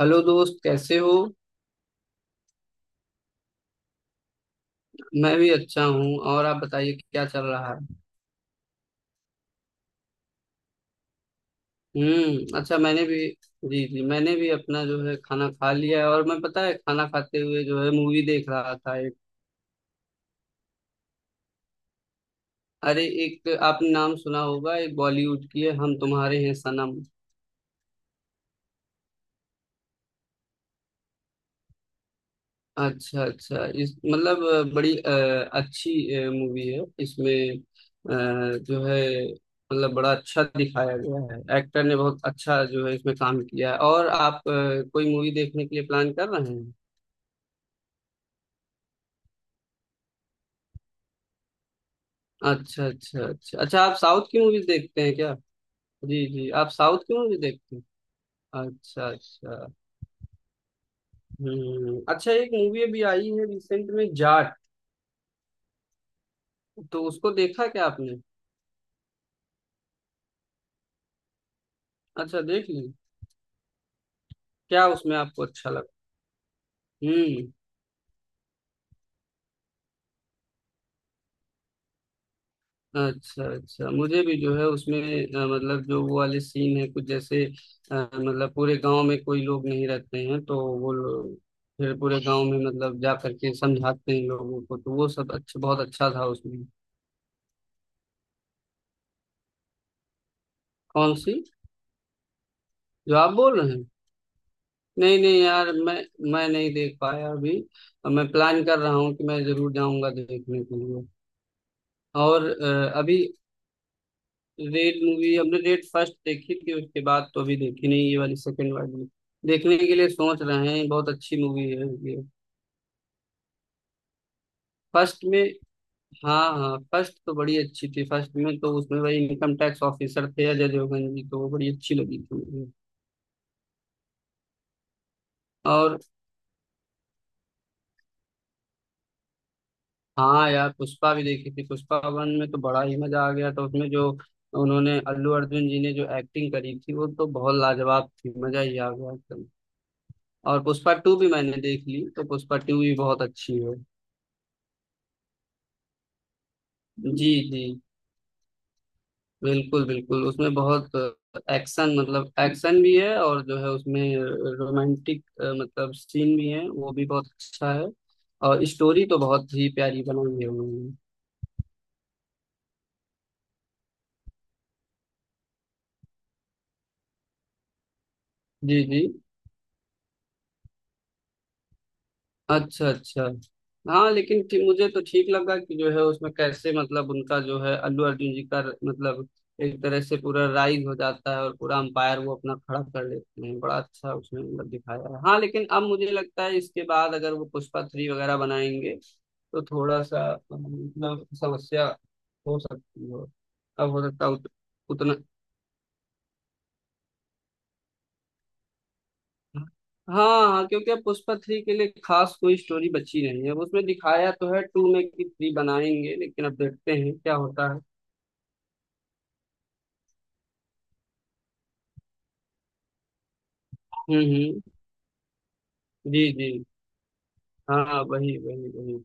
Hello दोस्त, कैसे हो। मैं भी अच्छा हूँ। और आप बताइए कि क्या चल रहा है। हम्म, अच्छा। मैंने भी जी जी, मैंने भी अपना जो है खाना खा लिया है। और मैं, पता है, खाना खाते हुए जो है मूवी देख रहा था एक। अरे एक, आपने नाम सुना होगा, एक बॉलीवुड की है, हम तुम्हारे हैं सनम। अच्छा अच्छा, इस मतलब बड़ी अच्छी मूवी है। इसमें जो है मतलब बड़ा अच्छा दिखाया गया है। एक्टर ने बहुत अच्छा जो है इसमें काम किया है। और आप कोई मूवी देखने के लिए प्लान कर रहे हैं। अच्छा अच्छा, अच्छा अच्छा। आप साउथ की मूवीज देखते हैं क्या। जी जी, आप साउथ की मूवी देखते हैं। अच्छा अच्छा। हम्म, अच्छा। एक मूवी अभी आई है रिसेंट में, जाट, तो उसको देखा क्या आपने। अच्छा, देख ली। क्या उसमें आपको अच्छा लगा। हम्म। अच्छा अच्छा, मुझे भी जो है उसमें मतलब जो वो वाले सीन है कुछ, जैसे मतलब पूरे गांव में कोई लोग नहीं रहते हैं तो वो लोग फिर पूरे गांव में मतलब जा करके समझाते हैं लोगों को, तो वो सब अच्छा, बहुत अच्छा था उसमें। कौन सी, जो आप बोल रहे हैं। नहीं नहीं यार, मैं नहीं देख पाया अभी। मैं प्लान कर रहा हूँ कि मैं जरूर जाऊंगा देखने के लिए। और अभी रेड मूवी, हमने रेड फर्स्ट देखी थी उसके बाद तो अभी देखी नहीं ये वाली, सेकंड वाली देखने के लिए सोच रहे हैं। बहुत अच्छी मूवी है ये। फर्स्ट में हाँ हाँ, फर्स्ट तो बड़ी अच्छी थी। फर्स्ट में तो उसमें भाई इनकम टैक्स ऑफिसर थे अजय देवगन जी, तो वो बड़ी अच्छी लगी थी मुझे। और हाँ यार, पुष्पा भी देखी थी। पुष्पा वन में तो बड़ा ही मजा आ गया था। उसमें जो उन्होंने, अल्लू अर्जुन जी ने जो एक्टिंग करी थी वो तो बहुत लाजवाब थी, मजा ही आ गया एकदम। और पुष्पा टू भी मैंने देख ली, तो पुष्पा टू भी बहुत अच्छी है। जी जी, बिल्कुल बिल्कुल। उसमें बहुत एक्शन, मतलब एक्शन भी है, और जो है उसमें रोमांटिक मतलब सीन भी है, वो भी बहुत अच्छा है। और स्टोरी तो बहुत ही प्यारी बनाई है उन्होंने। जी जी। अच्छा अच्छा। हाँ लेकिन मुझे तो ठीक लगा कि जो है उसमें कैसे मतलब उनका जो है अल्लू अर्जुन जी का, मतलब एक तरह से पूरा राइज हो जाता है और पूरा अंपायर वो अपना खड़ा कर लेते हैं। बड़ा अच्छा उसमें मतलब दिखाया है। हाँ लेकिन अब मुझे लगता है इसके बाद अगर वो पुष्पा थ्री वगैरह बनाएंगे तो थोड़ा सा मतलब समस्या हो सकती है। अब हो सकता है उतना। हाँ हाँ, क्योंकि अब पुष्पा थ्री के लिए खास कोई स्टोरी बची नहीं है। अब उसमें दिखाया तो है टू में कि थ्री बनाएंगे, लेकिन अब देखते हैं क्या होता है। हम्म, जी जी। हाँ, वही वही वही।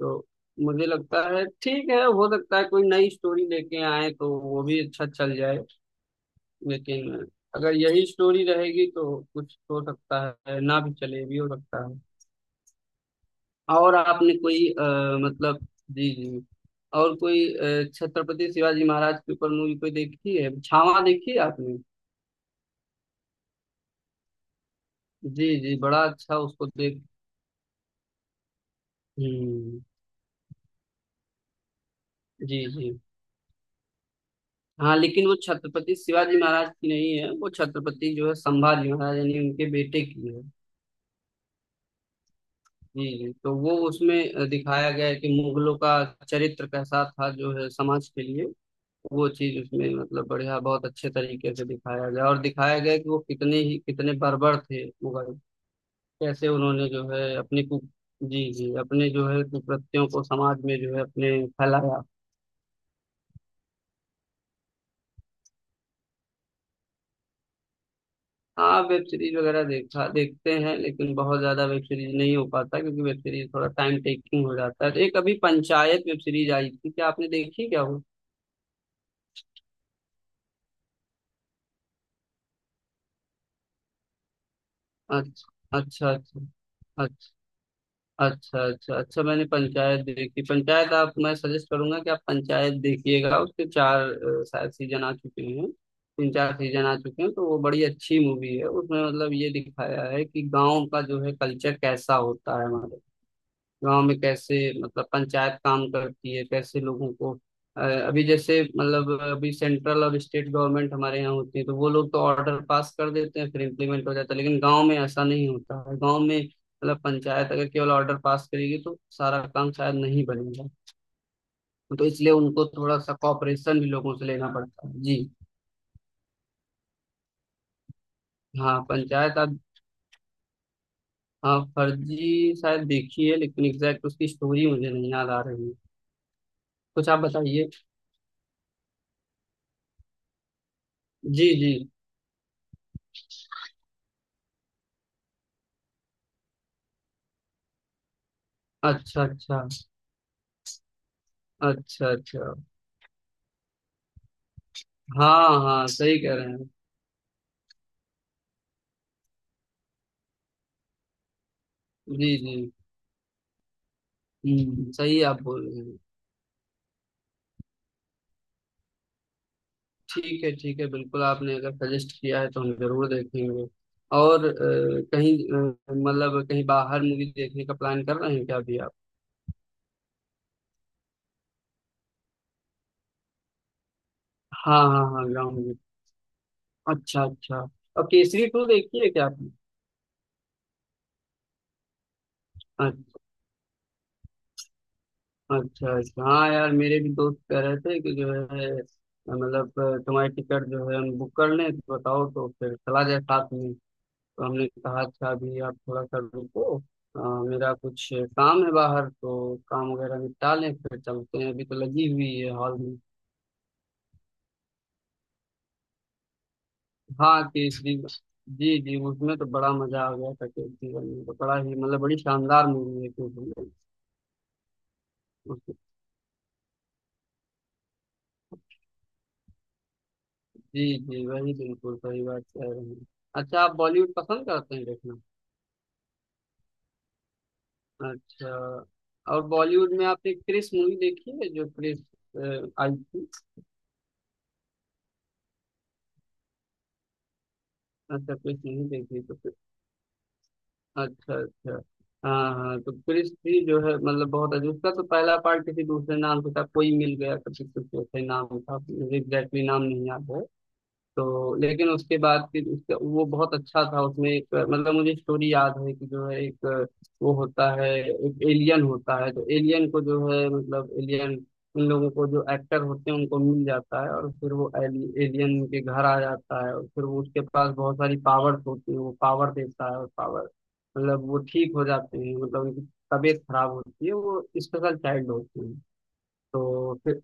तो मुझे लगता है ठीक है, हो सकता है कोई नई स्टोरी लेके आए तो वो भी अच्छा चल जाए, लेकिन अगर यही स्टोरी रहेगी तो कुछ हो सकता है, ना भी चले, ये भी हो सकता है। और आपने कोई मतलब जी जी, और कोई छत्रपति शिवाजी महाराज के ऊपर मूवी कोई देखी है, छावा देखी है आपने। जी जी, बड़ा अच्छा। उसको देख हम्म, जी जी। हाँ लेकिन वो छत्रपति शिवाजी महाराज की नहीं है, वो छत्रपति जो है संभाजी महाराज यानी उनके बेटे की है। जी जी, तो वो उसमें दिखाया गया है कि मुगलों का चरित्र कैसा था जो है समाज के लिए। वो चीज उसमें मतलब बढ़िया, बहुत अच्छे तरीके से दिखाया गया, और दिखाया गया कि वो कितने ही, कितने बर्बर थे मुगल। कैसे उन्होंने जो है अपनी कु जी जी, अपने जो है कुप्रतियों को समाज में जो है अपने फैलाया। हाँ वेब सीरीज वगैरह देखा, देखते हैं, लेकिन बहुत ज्यादा वेब सीरीज नहीं हो पाता क्योंकि वेब सीरीज थोड़ा टाइम टेकिंग हो जाता है। तो एक अभी पंचायत वेब सीरीज आई थी, क्या आपने देखी क्या वो। अच्छा अच्छा अच्छा, अच्छा अच्छा अच्छा। मैंने पंचायत देखी। पंचायत आप, मैं सजेस्ट करूंगा कि आप पंचायत देखिएगा। उसके चार शायद सीजन आ चुके हैं, तीन चार सीजन आ चुके हैं। तो वो बड़ी अच्छी मूवी है। उसमें मतलब ये दिखाया है कि गांव का जो है कल्चर कैसा होता है हमारे, गांव में कैसे मतलब पंचायत काम करती है, कैसे लोगों को अ, अभी जैसे मतलब अभी सेंट्रल और स्टेट गवर्नमेंट हमारे यहाँ होती है तो वो लोग तो ऑर्डर पास कर देते हैं, फिर इम्प्लीमेंट हो जाता है। लेकिन गांव में ऐसा नहीं होता है, गांव में मतलब पंचायत अगर केवल ऑर्डर पास करेगी तो सारा काम शायद नहीं बनेगा, तो इसलिए उनको थोड़ा सा कॉपरेशन भी लोगों से लेना पड़ता है। जी, हाँ पंचायत आप। हाँ फर्जी शायद देखी है, लेकिन एग्जैक्ट उसकी स्टोरी मुझे नहीं याद आ रही है, कुछ आप बताइए। जी जी, अच्छा अच्छा, अच्छा अच्छा। हाँ हाँ, सही कह रहे हैं। जी जी। सही आप बोल रहे हैं। ठीक है ठीक है, बिल्कुल, आपने अगर सजेस्ट किया है तो हम जरूर देखेंगे। और कहीं मतलब कहीं बाहर मूवी देखने का प्लान कर रहे हैं क्या अभी आप। हाँ हाँ हाँ, ग्राउंड, अच्छा अच्छा। और केसरी टू देखी है क्या आपने। अच्छा, अच्छा अच्छा। हाँ यार, मेरे भी दोस्त कह रहे थे कि जो है मतलब तुम्हारी टिकट जो है हम बुक कर लें तो बताओ, तो फिर चला जाए साथ में। तो हमने कहा था अभी आप थोड़ा सा रुको, अ, मेरा कुछ काम है बाहर, तो काम वगैरह निपटा लें फिर चलते हैं, अभी तो लगी हुई है हॉल में। हाँ कि इस दिन, जी जी, उसमें तो बड़ा मजा आ गया था। कि जीवन में तो बड़ा ही मतलब बड़ी शानदार मूवी है, क्योंकि उस- जी जी, वही बिल्कुल सही बात कह रहे हैं। अच्छा, आप बॉलीवुड पसंद करते हैं देखना। अच्छा। और बॉलीवुड में आपने क्रिस मूवी देखी है, जो क्रिस आई थी। अच्छा क्रिस नहीं देखी तो, अच्छा अच्छा। हाँ हाँ, तो क्रिस्टी जो है मतलब बहुत अच्छा। उसका तो पहला पार्ट किसी दूसरे नाम से था, कोई मिल गया कभी कुछ ऐसे नाम था, मुझे एग्जैक्टली नाम नहीं याद है। तो लेकिन उसके बाद फिर उसका वो बहुत अच्छा था। उसमें एक मतलब मुझे स्टोरी याद है कि जो है एक वो होता है, एक एलियन होता है, तो एलियन को जो है मतलब एलियन उन लोगों को जो एक्टर होते हैं उनको मिल जाता है, और फिर वो एलियन उनके घर आ जाता है, और फिर वो उसके पास बहुत सारी पावर्स होती है, वो पावर देता है, और पावर मतलब वो ठीक हो जाते हैं मतलब उनकी तबीयत खराब होती है, वो स्पेशल चाइल्ड होती है। तो फिर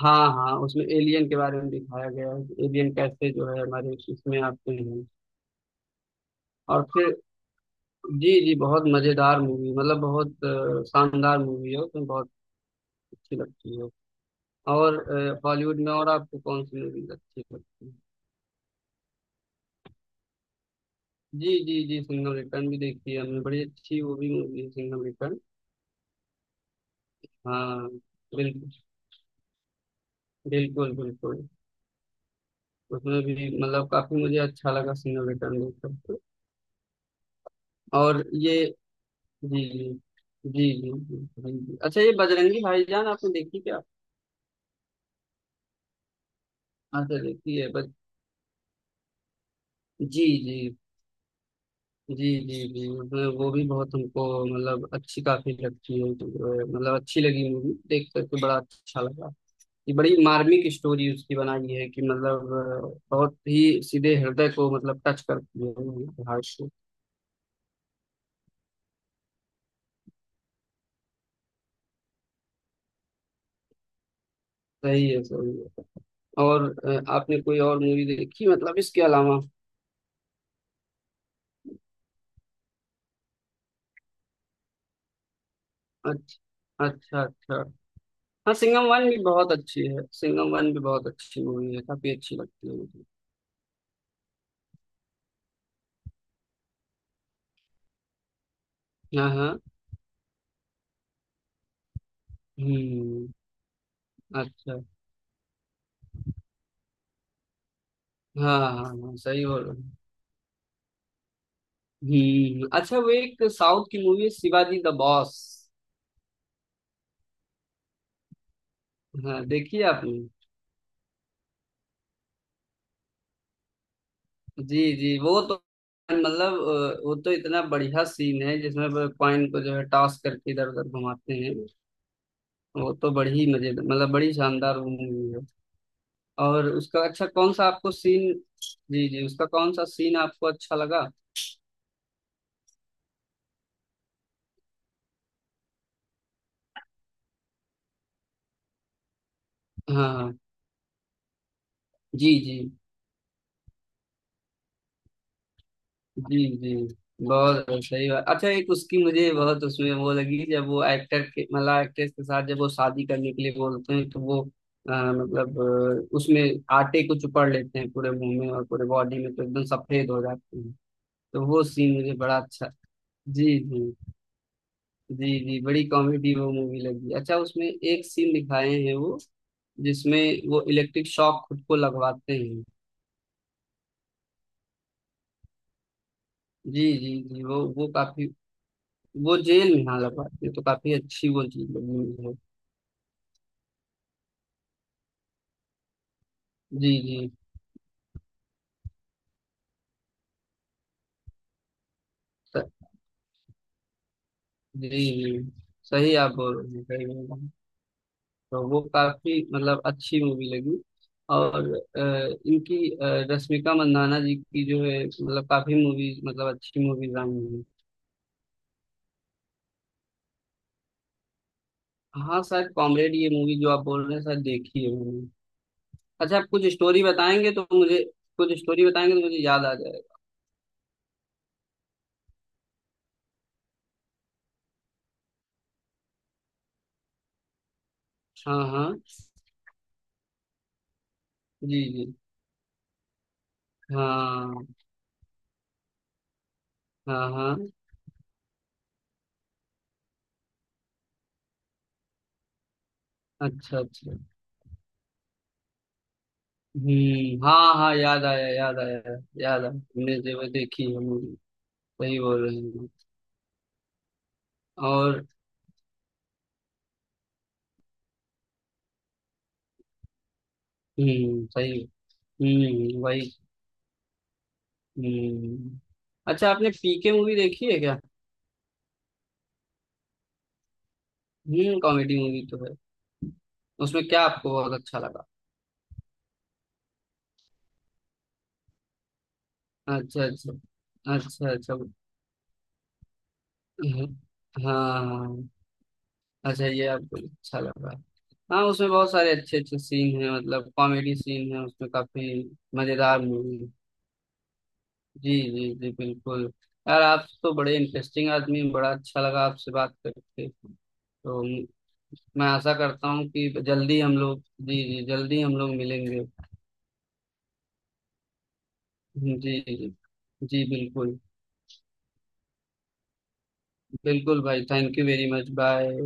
हाँ हाँ, उसमें एलियन के बारे में दिखाया गया है कि एलियन कैसे जो है हमारे इसमें आते हैं। और फिर जी जी, बहुत मजेदार मूवी, मतलब बहुत शानदार मूवी है। उसमें बहुत अच्छी लगती है। और हॉलीवुड में और आपको कौन सी मूवी अच्छी लगती है। जी जी जी, सिंघम रिटर्न भी देखी है हमने, बड़ी अच्छी वो भी मूवी है सिंघम रिटर्न। हाँ, बिल्कुल बिल्कुल बिल्कुल। उसमें भी मतलब काफी मुझे अच्छा लगा सिंघम रिटर्न देखकर। और ये जी जी जी, जी जी। हाँ जी। अच्छा, ये बजरंगी भाईजान आपने देखी क्या। अच्छा, देखी है बस। जी जी, जी जी जी, वो भी बहुत हमको मतलब अच्छी, काफी लगती है तो मतलब अच्छी लगी मूवी, देख करके बड़ा अच्छा लगा। ये बड़ी मार्मिक स्टोरी उसकी बनाई है कि मतलब बहुत ही सीधे हृदय को मतलब टच करती है वो भाई को। सही है सही है। और आपने कोई और मूवी देखी मतलब इसके अलावा। अच्छा अच्छा अच्छा। हाँ सिंघम वन भी बहुत अच्छी है, सिंघम वन भी बहुत अच्छी मूवी है, काफी अच्छी लगती है मुझे। हाँ हाँ। हम्म। अच्छा। हाँ हाँ हाँ, सही बोल रहे हो। हम्म, अच्छा, वो एक साउथ की मूवी है शिवाजी द बॉस। हाँ देखिए आपने। जी जी, वो तो मतलब वो तो इतना बढ़िया सीन है जिसमें वो कॉइन को जो है टॉस करके इधर उधर घुमाते हैं, वो तो बड़ी मजेदार, मतलब बड़ी शानदार वो मूवी है। और उसका अच्छा कौन सा आपको सीन, जी जी, उसका कौन सा सीन आपको अच्छा लगा। हाँ, जी जी जी। जी बहुत सही बात, अच्छा एक उसकी मुझे बहुत उसमें वो लगी जब वो एक्टर के मतलब एक्ट्रेस के साथ जब वो शादी करने के लिए बोलते हैं तो वो मतलब उसमें आटे को चुपड़ लेते हैं पूरे मुंह में और पूरे बॉडी में, तो एकदम सफेद हो जाते हैं, तो वो सीन मुझे बड़ा अच्छा। जी जी, जी जी, बड़ी कॉमेडी वो मूवी लगी। अच्छा उसमें एक सीन दिखाए हैं वो जिसमें वो इलेक्ट्रिक शॉक खुद को लगवाते हैं। जी जी जी, वो काफी, वो जेल में हाँ लगा, ये तो काफी अच्छी वो चीज लगी है। जी जी, स- जी जी, सही आप बोल रहे हैं, सही बोल रहे हैं। तो वो काफी मतलब अच्छी मूवी लगी। और इनकी रश्मिका मंदाना जी की जो है मतलब काफी मूवीज, मतलब अच्छी मूवीज आई हैं। हाँ शायद कॉमरेड ये मूवी जो आप बोल रहे हैं शायद देखी है मैंने। अच्छा आप कुछ स्टोरी बताएंगे तो मुझे, कुछ स्टोरी बताएंगे तो मुझे याद आ जाएगा। हाँ हाँ। जी जी। हाँ हाँ हाँ। अच्छा अच्छा। हम्म, हाँ हाँ, याद आया, याद आया, याद आया, हमने जो देखी हम, सही बोल रहे हैं। और हम्म, सही। हम्म, वही। हम्म, अच्छा आपने पीके मूवी देखी है क्या। हम्म, कॉमेडी मूवी तो है, उसमें क्या आपको बहुत अच्छा लगा। अच्छा अच्छा, अच्छा अच्छा। हम्म, हाँ हाँ। अच्छा, ये आपको अच्छा लगा। हाँ उसमें बहुत सारे अच्छे अच्छे सीन हैं, मतलब कॉमेडी सीन है उसमें काफी, मजेदार मूवी। जी जी जी, बिल्कुल। यार आप तो बड़े इंटरेस्टिंग आदमी हैं, बड़ा अच्छा लगा आपसे बात करके। तो मैं आशा करता हूँ कि जल्दी हम लोग, जी जी जल्दी हम लोग मिलेंगे। जी जी जी, बिल्कुल बिल्कुल। भाई thank you very much, bye.